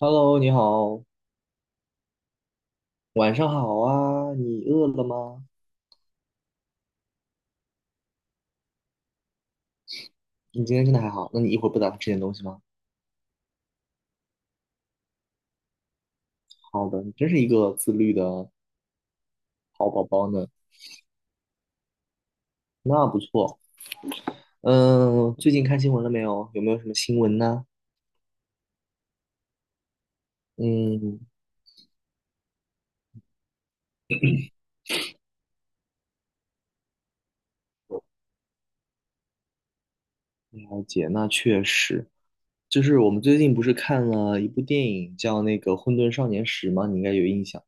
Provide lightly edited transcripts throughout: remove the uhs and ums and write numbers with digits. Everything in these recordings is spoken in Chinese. Hello，你好，晚上好啊，你饿了吗？你今天真的还好？那你一会儿不打算吃点东西吗？好的，你真是一个自律的好宝宝呢，那不错。嗯，最近看新闻了没有？有没有什么新闻呢？嗯，了解，那确实，就是我们最近不是看了一部电影叫那个《混沌少年时》吗？你应该有印象，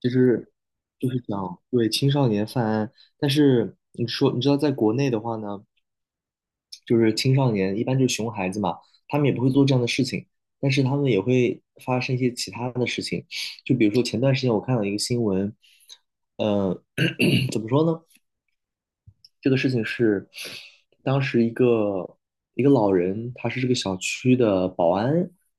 就是就是讲对青少年犯案，但是你说你知道在国内的话呢？就是青少年，一般就是熊孩子嘛，他们也不会做这样的事情，但是他们也会发生一些其他的事情，就比如说前段时间我看到一个新闻，呃，怎么说呢？这个事情是当时一个老人，他是这个小区的保安，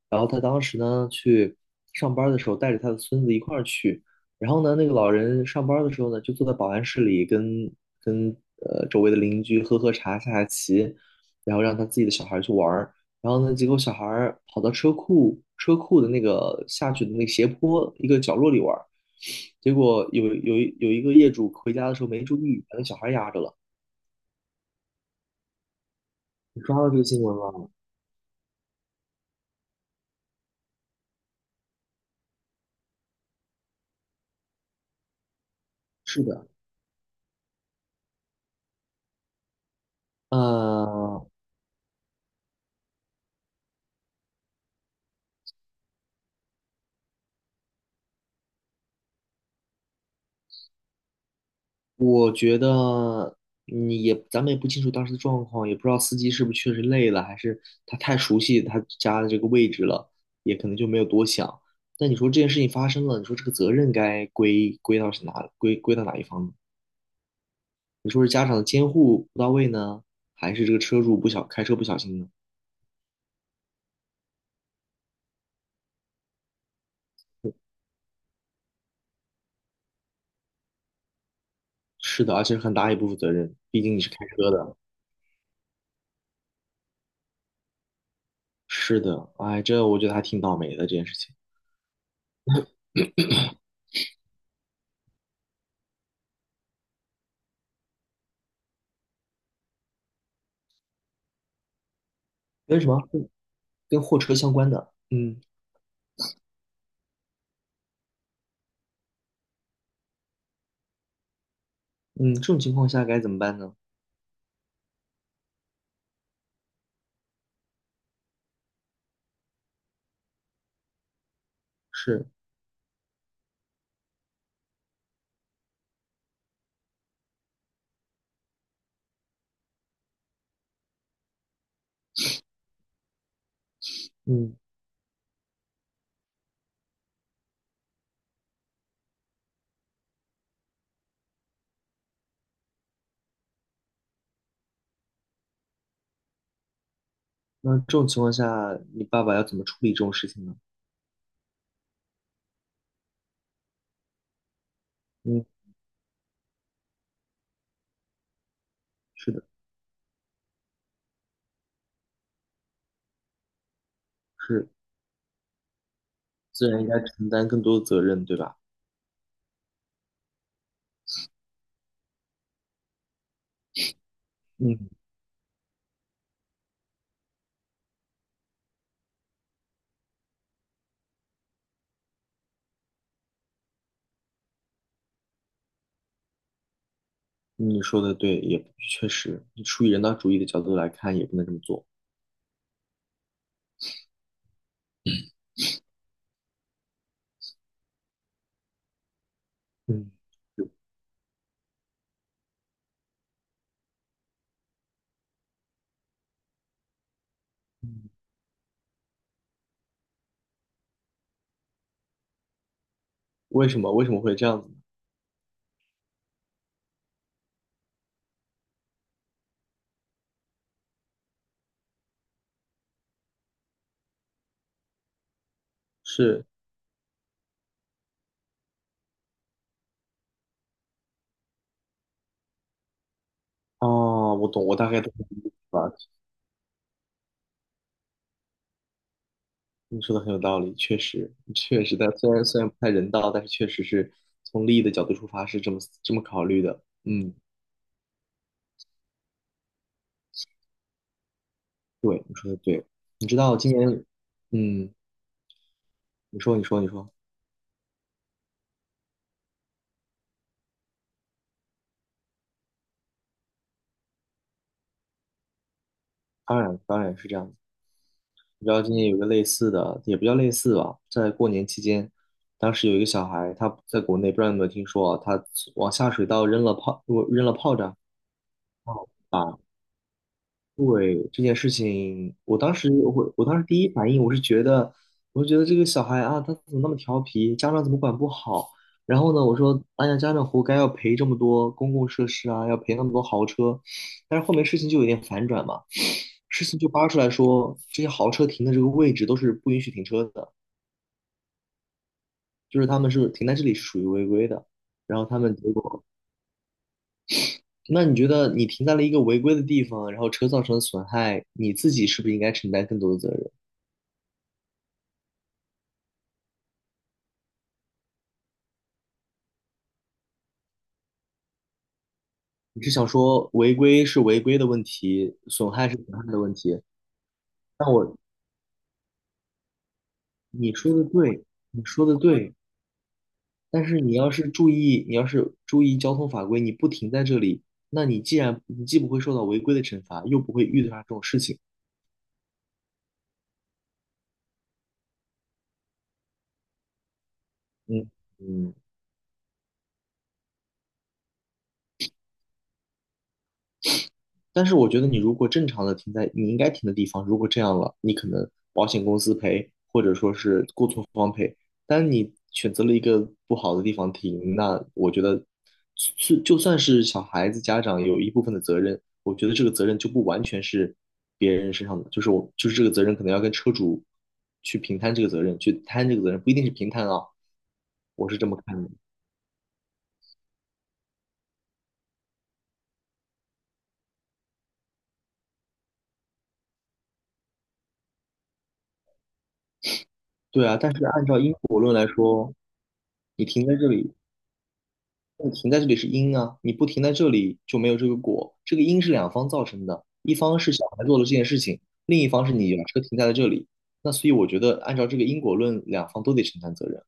然后他当时呢去上班的时候带着他的孙子一块儿去，然后呢那个老人上班的时候呢就坐在保安室里跟周围的邻居喝喝茶下下棋，然后让他自己的小孩儿去玩儿，然后呢结果小孩儿跑到车库的那个下去的那个斜坡一个角落里玩儿，结果有一个业主回家的时候没注意把那小孩压着了。你刷到这个新闻了？是的，呃，我觉得咱们也不清楚当时的状况，也不知道司机是不是确实累了，还是他太熟悉他家的这个位置了，也可能就没有多想。但你说这件事情发生了，你说这个责任该归到是哪，归到哪一方呢？你说是家长的监护不到位呢，还是这个车主不小，开车不小心呢？是的，而且很大一部分责任，毕竟你是开车的。是的，哎，这我觉得还挺倒霉的这件事情。跟什么？跟货车相关的。嗯嗯，这种情况下该怎么办呢？是，嗯，那这种情况下，你爸爸要怎么处理这种事情呢？嗯，是的，是，自然应该承担更多的责任，对吧？嗯，你说的对，也确实，你出于人道主义的角度来看，也不能这么做。嗯，嗯为什么？为什么会这样子呢？是，哦，我懂，我大概懂你的意思吧。你说的很有道理，确实，确实，但虽然不太人道，但是确实是从利益的角度出发是这么考虑的。嗯，对，你说的对。你知道今年，嗯，你说，你说，你说，当然，当然是这样的。你知道今年有个类似的，也不叫类似吧，在过年期间，当时有一个小孩，他在国内不知道你有没有听说啊，他往下水道扔了炮，扔了炮仗，哦，对这件事情，我当时第一反应我是觉得，我就觉得这个小孩啊，他怎么那么调皮，家长怎么管不好？然后呢，我说，哎呀，家长活该要赔这么多公共设施啊，要赔那么多豪车。但是后面事情就有点反转嘛，事情就扒出来说，这些豪车停的这个位置都是不允许停车的，就是他们是停在这里是属于违规的。然后他们结果，那你觉得你停在了一个违规的地方，然后车造成的损害，你自己是不是应该承担更多的责任？你是想说违规是违规的问题，损害是损害的问题？那我你说的对，你说的对，但是你要是注意，你要是注意交通法规，你不停在这里，那你既然你既不会受到违规的惩罚，又不会遇到这种事情，嗯嗯，但是我觉得你如果正常的停在你应该停的地方，如果这样了，你可能保险公司赔，或者说是过错方赔。但你选择了一个不好的地方停，那我觉得是就算是小孩子家长有一部分的责任，我觉得这个责任就不完全是别人身上的，就是我就是这个责任可能要跟车主去平摊这个责任，去摊这个责任，不一定是平摊啊，我是这么看的。对啊，但是按照因果论来说，你停在这里，你停在这里是因啊，你不停在这里就没有这个果。这个因是两方造成的，一方是小孩做了这件事情，另一方是你把车停在了这里。那所以我觉得，按照这个因果论，两方都得承担责任。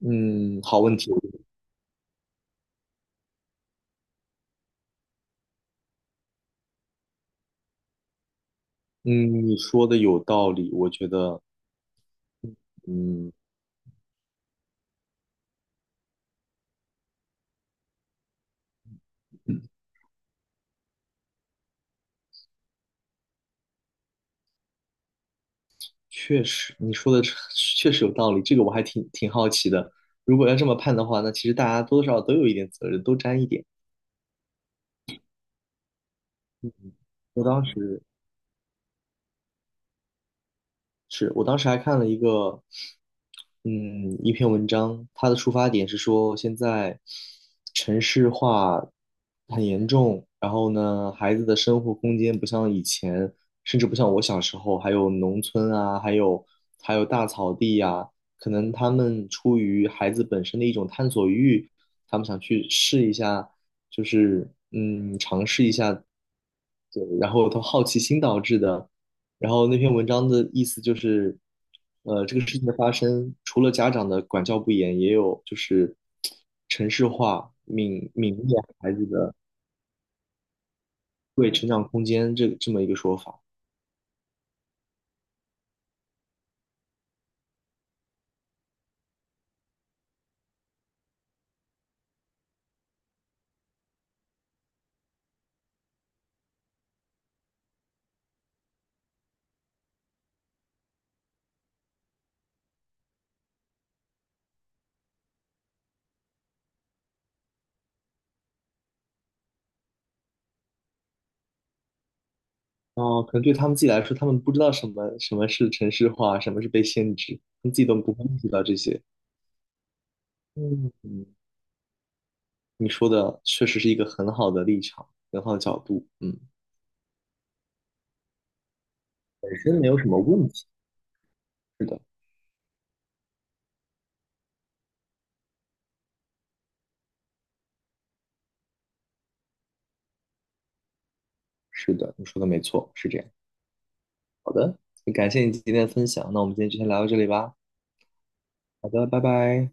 嗯，好问题哦。嗯，你说的有道理，我觉得，嗯，确实，你说的 确实有道理。这个我还挺好奇的。如果要这么判的话，那其实大家多多少少都有一点责任，都沾一点。我当时是我当时还看了一个，嗯，一篇文章，它的出发点是说现在城市化很严重，然后呢，孩子的生活空间不像以前，甚至不像我小时候，还有农村啊，还有大草地呀、可能他们出于孩子本身的一种探索欲，他们想去试一下，就是尝试一下，对，然后他好奇心导致的。然后那篇文章的意思就是，这个事情的发生，除了家长的管教不严，也有就是城市化泯灭孩子的对成长空间这么一个说法。啊，可能对他们自己来说，他们不知道什么是城市化，什么是被限制，他们自己都不会意识到这些。嗯，你说的确实是一个很好的立场，很好的角度。嗯，本身没有什么问题。是的，是的，你说的没错，是这样。好的，感谢你今天的分享，那我们今天就先聊到这里吧。好的，拜拜。